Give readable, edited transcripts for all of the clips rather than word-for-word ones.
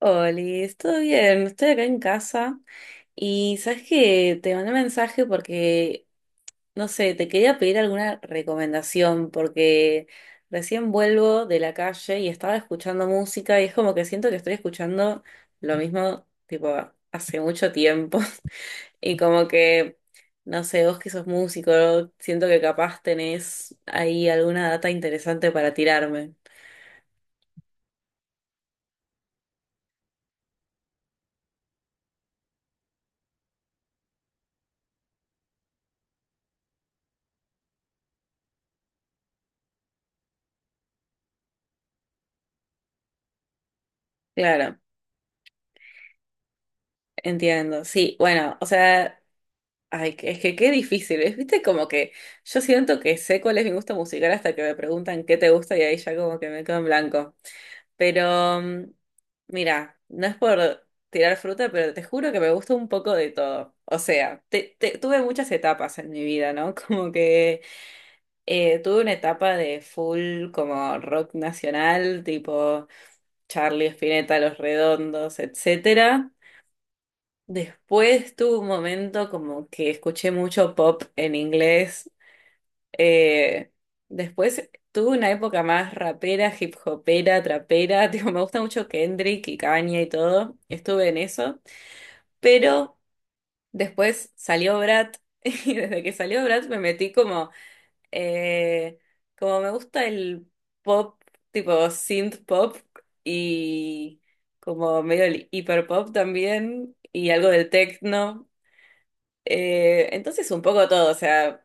Oli, ¿todo bien? Estoy acá en casa y sabes que te mandé un mensaje porque, no sé, te quería pedir alguna recomendación porque recién vuelvo de la calle y estaba escuchando música y es como que siento que estoy escuchando lo mismo, tipo, hace mucho tiempo y como que, no sé, vos que sos músico, siento que capaz tenés ahí alguna data interesante para tirarme. Claro, entiendo. Sí, bueno, o sea. Ay, es que qué difícil, ¿ves? Viste como que yo siento que sé cuál es mi gusto musical hasta que me preguntan qué te gusta y ahí ya como que me quedo en blanco. Pero mira, no es por tirar fruta, pero te juro que me gusta un poco de todo. O sea, tuve muchas etapas en mi vida, ¿no? Como que tuve una etapa de full como rock nacional, tipo Charlie Spinetta, Los Redondos, etcétera. Después tuve un momento como que escuché mucho pop en inglés. eh, Después tuve una época más rapera, hip hopera, trapera. Tipo, me gusta mucho Kendrick y Kanye y todo. Estuve en eso. Pero después salió Brat. Y desde que salió Brat me metí como. eh, Como me gusta el pop, tipo synth pop y como medio el hiper pop también. Y algo del techno. Entonces un poco todo, o sea,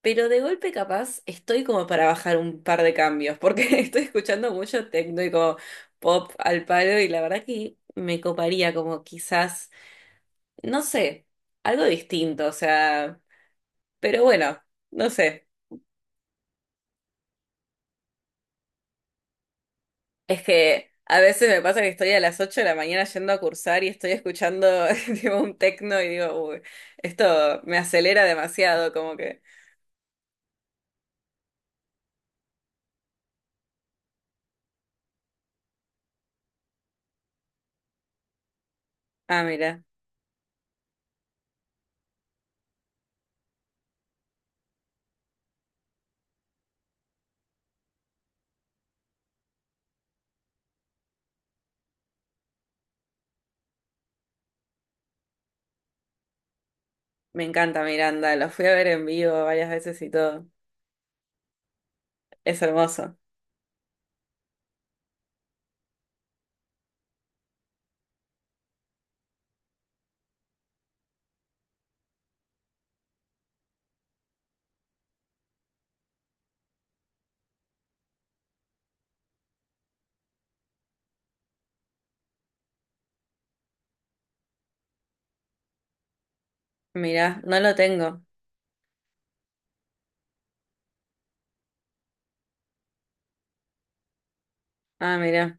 pero de golpe capaz estoy como para bajar un par de cambios, porque estoy escuchando mucho techno y como pop al palo y la verdad que me coparía como quizás, no sé, algo distinto, o sea, pero bueno, no sé. Es que a veces me pasa que estoy a las 8 de la mañana yendo a cursar y estoy escuchando tipo un techno y digo, uy, esto me acelera demasiado, como que, ah, mira. Me encanta Miranda, lo fui a ver en vivo varias veces y todo. Es hermoso. Mirá, no lo tengo. Ah, mirá.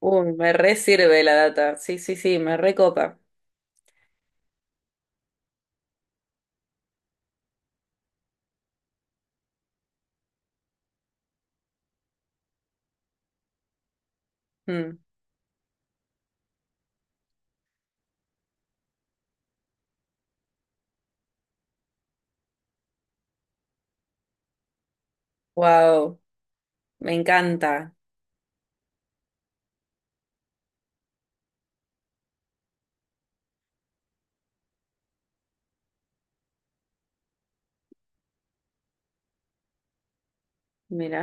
Uy, me re sirve la data. Sí, sí, sí, me recopa. Wow, me encanta. Mirá.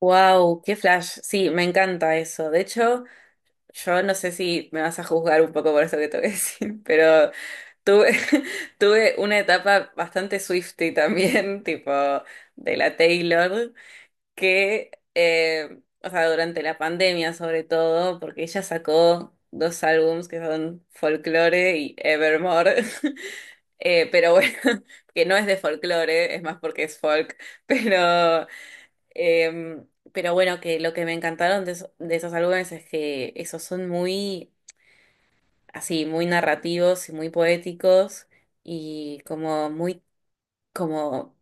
Wow, qué flash. Sí, me encanta eso. De hecho, yo no sé si me vas a juzgar un poco por eso que te voy a decir, pero tuve, tuve una etapa bastante Swiftie también, tipo de la Taylor. Que, o sea, durante la pandemia sobre todo, porque ella sacó dos álbums que son Folklore y Evermore. Pero bueno, que no es de folklore, es más porque es folk, pero, eh, pero bueno, que lo que me encantaron de, de esos álbumes es que esos son muy, así, muy narrativos y muy poéticos y como muy, como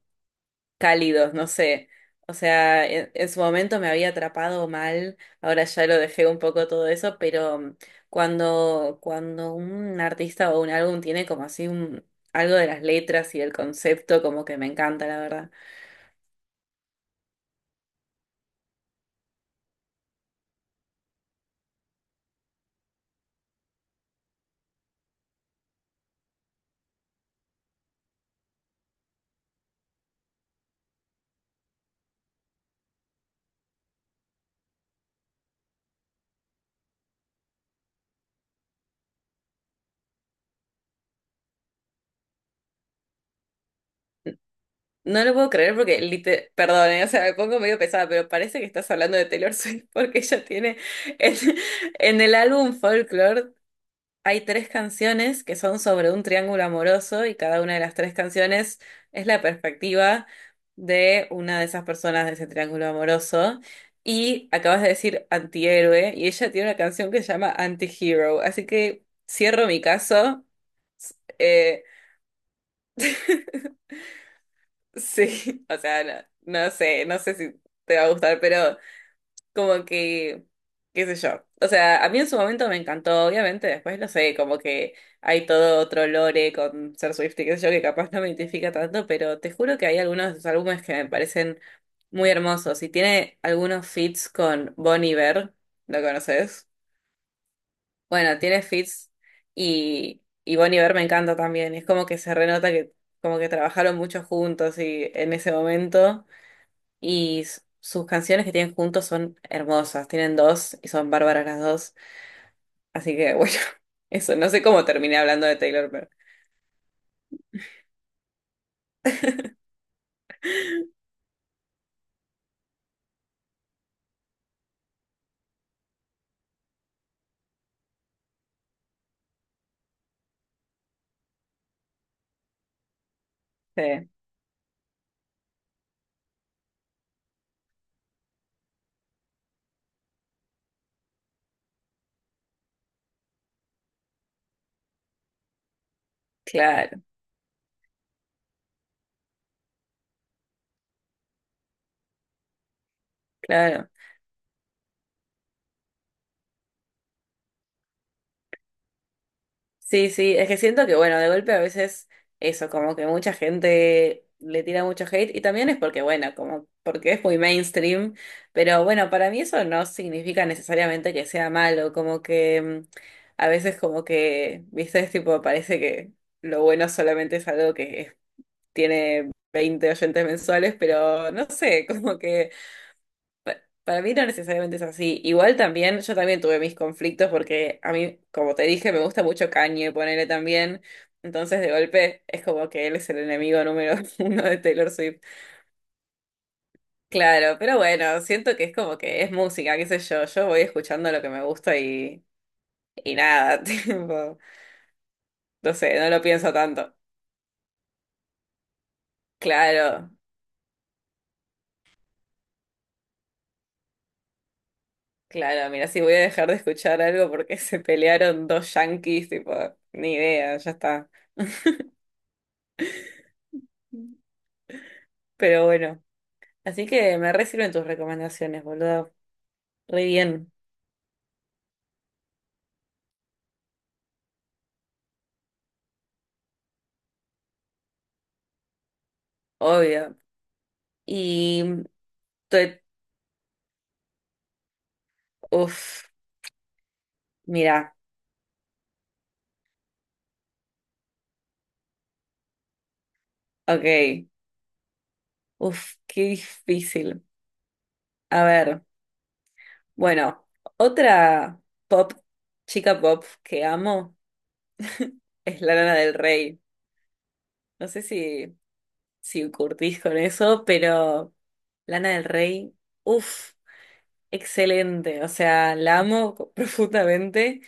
cálidos, no sé. O sea, en su momento me había atrapado mal, ahora ya lo dejé un poco todo eso, pero cuando un artista o un álbum tiene como así un, algo de las letras y del concepto, como que me encanta, la verdad. No lo puedo creer porque, perdón, o sea, me pongo medio pesada, pero parece que estás hablando de Taylor Swift porque ella tiene en, en el álbum Folklore. Hay tres canciones que son sobre un triángulo amoroso y cada una de las tres canciones es la perspectiva de una de esas personas de ese triángulo amoroso. Y acabas de decir antihéroe y ella tiene una canción que se llama Antihero. Así que cierro mi caso. Eh, sí, o sea, no, no sé si te va a gustar, pero como que, qué sé yo. O sea, a mí en su momento me encantó, obviamente, después lo sé, como que hay todo otro lore con ser Swift y qué sé yo, que capaz no me identifica tanto, pero te juro que hay algunos de sus álbumes que me parecen muy hermosos. Y tiene algunos feats con Bon Iver, ¿lo conoces? Bueno, tiene feats y Bon Iver me encanta también. Es como que se renota que como que trabajaron mucho juntos y en ese momento. Y sus canciones que tienen juntos son hermosas. Tienen dos y son bárbaras las dos. Así que bueno, eso. No sé cómo terminé hablando de Taylor, pero sí, claro, claro. Sí, sí, es que siento que bueno, de golpe a veces eso, como que mucha gente le tira mucho hate y también es porque bueno, como porque es muy mainstream, pero bueno, para mí eso no significa necesariamente que sea malo, como que a veces como que, viste, es tipo, parece que lo bueno solamente es algo que es tiene 20 oyentes mensuales, pero no sé, como que pa- para mí no necesariamente es así. Igual también, yo también tuve mis conflictos porque a mí, como te dije, me gusta mucho Kanye, ponele también. Entonces, de golpe, es como que él es el enemigo número uno de Taylor Swift. Claro, pero bueno, siento que es como que es música, qué sé yo. Yo voy escuchando lo que me gusta y nada, tipo, no sé, no lo pienso tanto. Claro. Claro, mira, si voy a dejar de escuchar algo porque se pelearon dos yanquis, tipo, ni idea, ya está. Pero bueno, así que me re sirven tus recomendaciones, boludo. Re bien, obvio. Y, te- uf, mira, ok, uf, qué difícil. A ver, bueno, otra pop, chica pop que amo es Lana del Rey. No sé si curtís con eso, pero Lana del Rey, uf. Excelente, o sea, la amo profundamente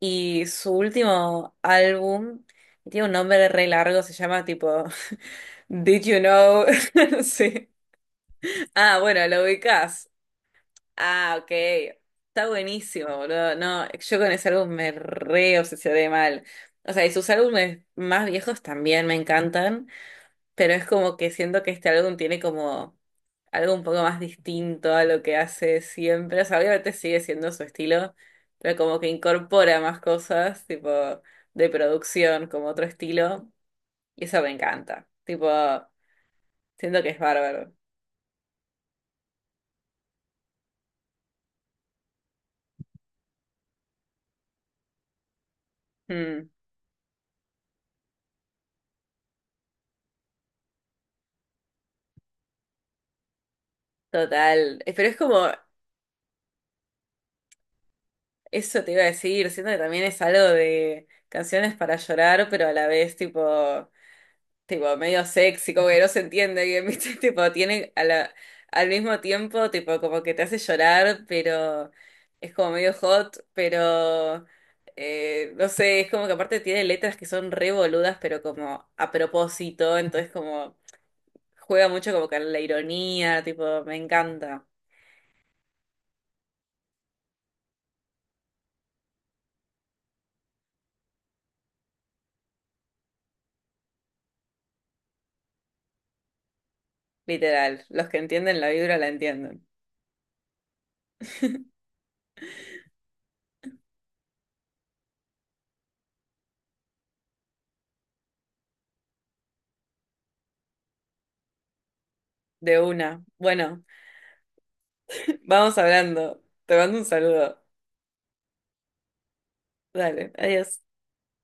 y su último álbum tiene un nombre re largo, se llama tipo Did You Know? Sí. Ah, bueno, lo ubicás. Ah, ok. Está buenísimo, boludo. No, yo con ese álbum me re obsesioné mal. O sea, y sus álbumes más viejos también me encantan, pero es como que siento que este álbum tiene como algo un poco más distinto a lo que hace siempre. O sea, obviamente sigue siendo su estilo, pero como que incorpora más cosas, tipo, de producción, como otro estilo, y eso me encanta. Tipo, siento que es bárbaro. Mm, total. Pero es como, eso te iba a decir, siento que también es algo de canciones para llorar, pero a la vez, tipo, tipo, medio sexy, como que no se entiende bien, ¿viste? Tipo, tiene a al mismo tiempo, tipo, como que te hace llorar, pero es como medio hot, pero no sé, es como que aparte tiene letras que son re boludas, pero como a propósito, entonces como juega mucho como con la ironía, tipo, me encanta, literal. Los que entienden la vibra la entienden. De una. Bueno, vamos hablando. Te mando un saludo. Dale, adiós.